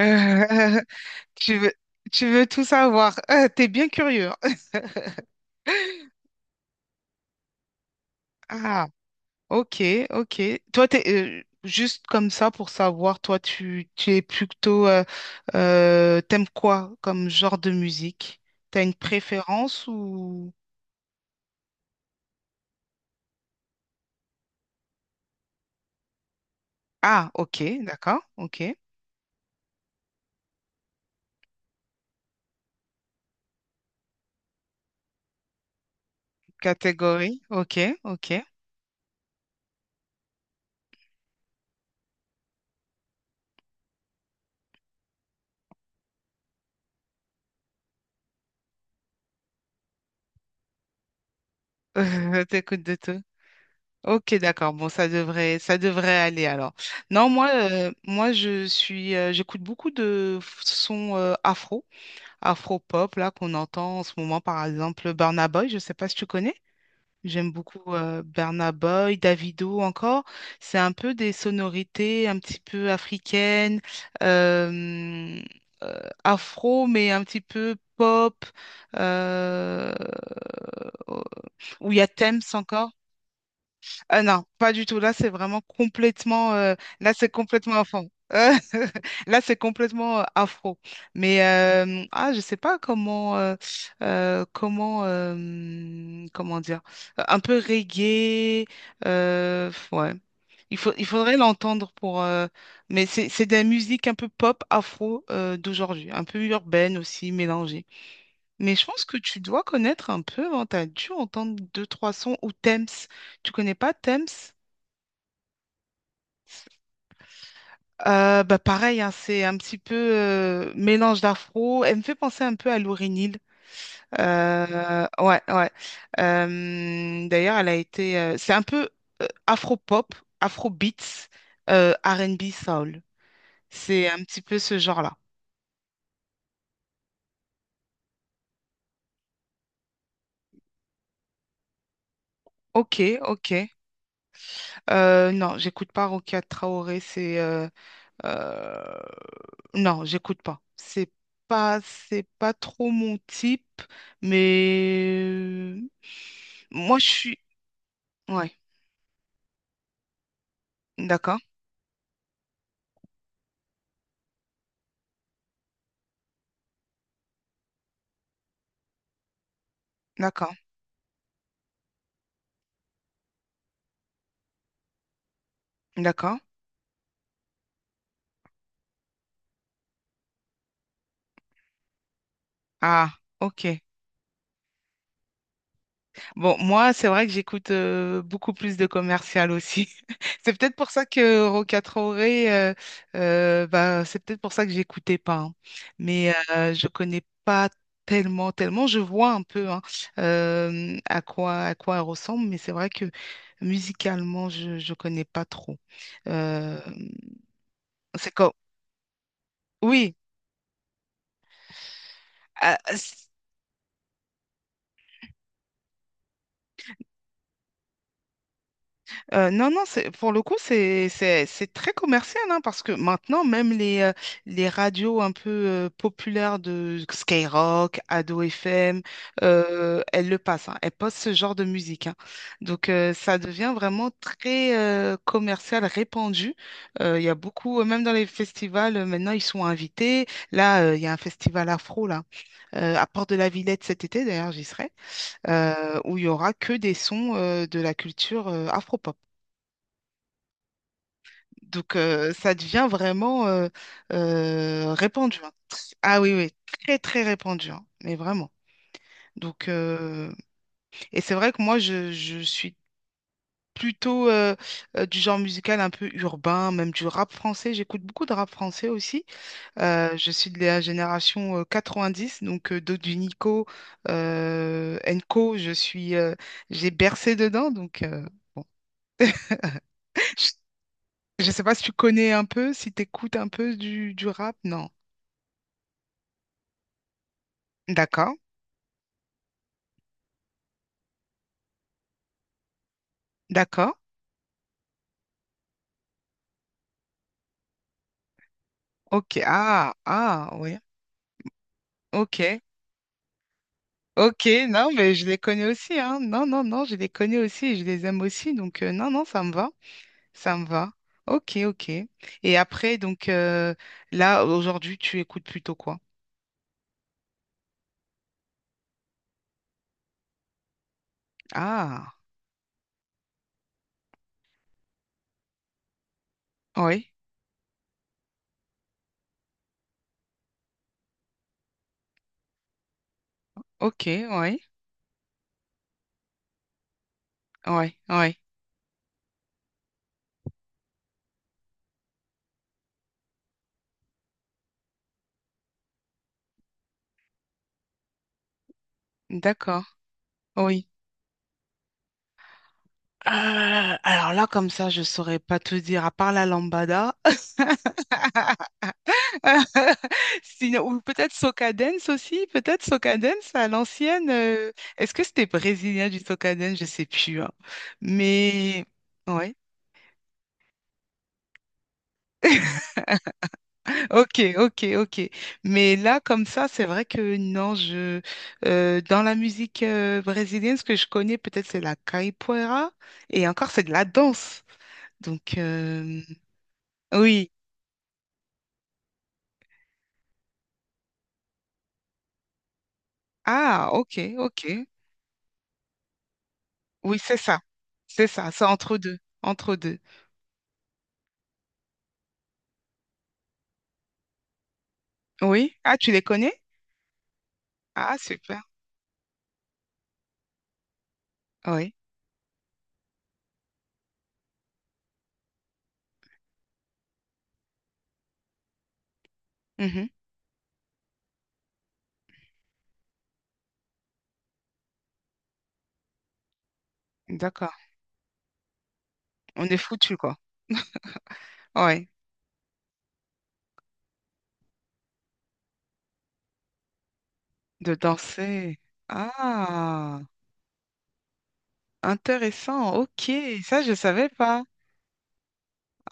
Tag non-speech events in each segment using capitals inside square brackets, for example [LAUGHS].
Euh, [LAUGHS] tu veux, tu veux tout savoir. T'es bien curieux. [LAUGHS] Ah, ok, ok. Toi, t'es, Juste comme ça pour savoir, tu es plutôt, t'aimes quoi comme genre de musique? T'as une préférence ou... Ah, ok, d'accord, ok. Catégorie, ok, ok. [LAUGHS] T'écoutes de tout. Ok, d'accord. Bon, ça devrait aller alors. Non, moi, j'écoute beaucoup de sons afro. Afro-pop là qu'on entend en ce moment, par exemple Burna Boy, je sais pas si tu connais. J'aime beaucoup Burna Boy, Davido encore. C'est un peu des sonorités un petit peu africaines, euh, afro, mais un petit peu pop, euh, oh, où il y a Thames encore. Non, pas du tout. Là, c'est vraiment complètement. Là, c'est complètement enfant. Euh, [LAUGHS] Là, c'est complètement afro. Mais je sais pas comment dire, un peu reggae. euh, ouais. Il faudrait l'entendre pour. Mais c'est de la musique un peu pop afro d'aujourd'hui, un peu urbaine aussi, mélangée. Mais je pense que tu dois connaître un peu, hein, tu as dû entendre deux, trois sons ou Thames. Tu connais pas Thames? Bah pareil, hein, c'est un petit peu mélange d'afro. Elle me fait penser un peu à Lauryn Hill. Ouais, ouais. D'ailleurs, elle a été. C'est un peu afro-pop, afro-beats, R&B soul. C'est un petit peu ce genre-là. Ok, ok. Non, j'écoute pas Rokia Traoré, c'est euh, non, j'écoute pas. C'est pas trop mon type, mais moi je suis ouais, d'accord, d'accord, d'accord. Ah, ok. Bon, moi c'est vrai que j'écoute beaucoup plus de commercial aussi. C'est peut-être pour ça que Roca Traoré, c'est peut-être pour ça que j'écoutais pas, hein. Mais je connais pas tellement. Je vois un peu hein, à quoi elle ressemble, mais c'est vrai que musicalement, je connais pas trop. Euh, c'est comme, oui. Ah, non, non, c'est, pour le coup, c'est très commercial, hein, parce que maintenant, les radios un peu populaires de Skyrock, Ado FM, elles le passent, hein, elles passent ce genre de musique, hein. Donc, ça devient vraiment très commercial, répandu. Il y a beaucoup, Même dans les festivals, maintenant, ils sont invités. Là, il y a un festival afro, là, à Port de la Villette cet été, d'ailleurs, j'y serai, où il y aura que des sons de la culture afro. Donc, ça devient vraiment répandu, hein. Ah oui, oui, très, très répandu, hein, mais vraiment. Donc, et c'est vrai que moi, je suis plutôt du genre musical un peu urbain, même du rap français. J'écoute beaucoup de rap français aussi. Je suis de la génération dix donc Dodu Nico, Enco, j'ai bercé dedans. Donc, bon. Je ne sais pas si tu connais un peu, si tu écoutes un peu du rap. Non. D'accord. D'accord. Ok. Ah, ah, oui. Ok. Ok. Non, mais je les connais aussi, hein. Non, non, non, je les connais aussi et je les aime aussi. Donc, non, non, ça me va. Ça me va. Ok, ok. Et après, donc, là, aujourd'hui, tu écoutes plutôt quoi? Ah, oui. Ok, oui. Oui, oui. D'accord. Oui. Euh, alors là, comme ça, je saurais pas te dire, à part la lambada. [LAUGHS] Sinon, ou peut-être Soca Dance aussi, peut-être Soca Dance à l'ancienne. Est-ce que c'était brésilien du Soca Dance? Je sais plus, hein. Mais ouais. Ok, ok, ok. Mais là, comme ça, c'est vrai que non, je dans la musique brésilienne, ce que je connais peut-être c'est la capoeira, et encore c'est de la danse. Donc oui. Ah, ok, ok. Oui, c'est ça. C'est ça, c'est entre deux, entre deux. Oui. Ah, tu les connais? Ah, super. Oui. Mhm. D'accord. On est foutu, quoi. Ouais. De danser. Ah, intéressant. Ok, ça, je savais pas.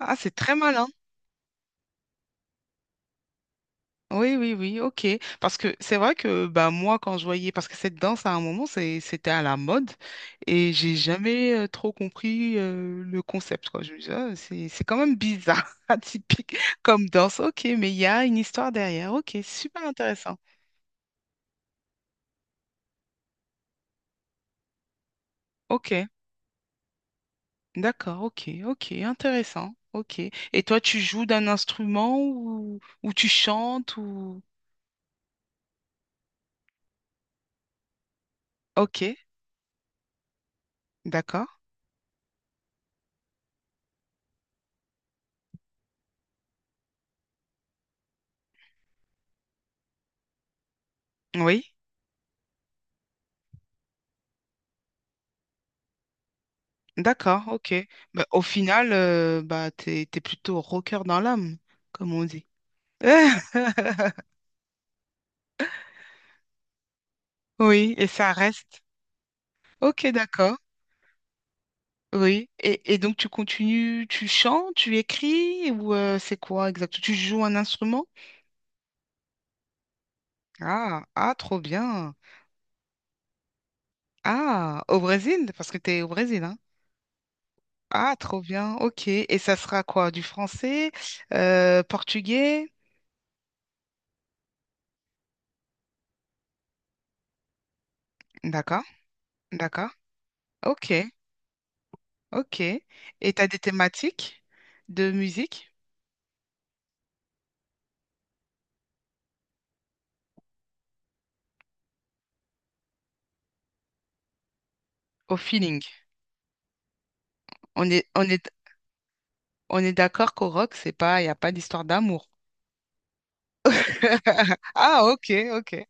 Ah, c'est très malin. Oui, oui, oui, ok. Parce que c'est vrai que bah, moi, quand je voyais, parce que cette danse, à un moment, c'était à la mode et j'ai jamais trop compris le concept, quoi. Je me disais, ah, c'est quand même bizarre, [LAUGHS] atypique comme danse. Ok, mais il y a une histoire derrière. Ok, super intéressant. Ok. D'accord, ok, ok, intéressant, ok. Et toi, tu joues d'un instrument ou tu chantes ou... Ok, d'accord, oui, d'accord, ok. Bah, au final, t'es, t'es plutôt rocker dans l'âme, comme on dit. [LAUGHS] Oui, et ça reste. Ok, d'accord, oui. Et donc, tu continues, tu chantes, tu écris ou c'est quoi exactement? Tu joues un instrument? Ah, ah, trop bien. Ah, au Brésil, parce que t'es au Brésil, hein. Ah, trop bien, ok. Et ça sera quoi? Du français, portugais? D'accord, d'accord. Ok, ok. Et t'as des thématiques de musique au feeling. On est, on est, on est d'accord qu'au rock, c'est pas, il n'y a pas d'histoire d'amour. [LAUGHS] Ah, ok, ok.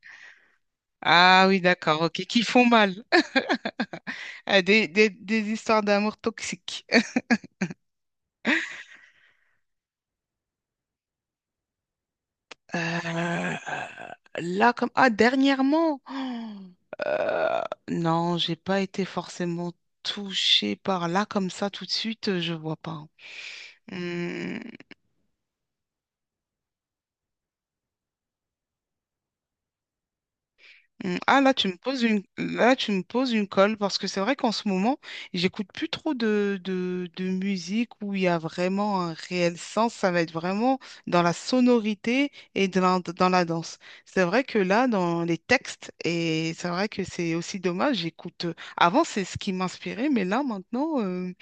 Ah oui, d'accord, ok. Qui font mal. [LAUGHS] Ah, des, des histoires d'amour toxiques. Euh, là, comme... Ah, dernièrement. Oh, euh, non, j'ai pas été forcément touchée par là comme ça tout de suite, je vois pas. Hum, Ah là tu me poses une là tu me poses une colle parce que c'est vrai qu'en ce moment j'écoute plus trop de, de musique où il y a vraiment un réel sens, ça va être vraiment dans la sonorité et dans la danse. C'est vrai que là dans les textes et c'est vrai que c'est aussi dommage. J'écoute, avant c'est ce qui m'inspirait, mais là maintenant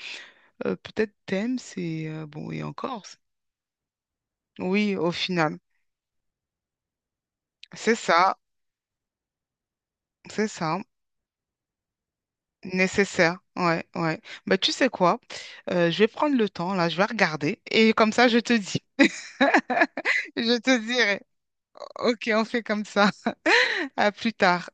euh, peut-être thème, c'est... bon, et encore, c'est- Oui, au final. C'est ça, c'est ça. Nécessaire. Ouais, ouais. Bah, tu sais quoi? Je vais prendre le temps, là, je vais regarder. Et comme ça, je te dis. [LAUGHS] Je te dirai. Ok, on fait comme ça. [LAUGHS] À plus tard.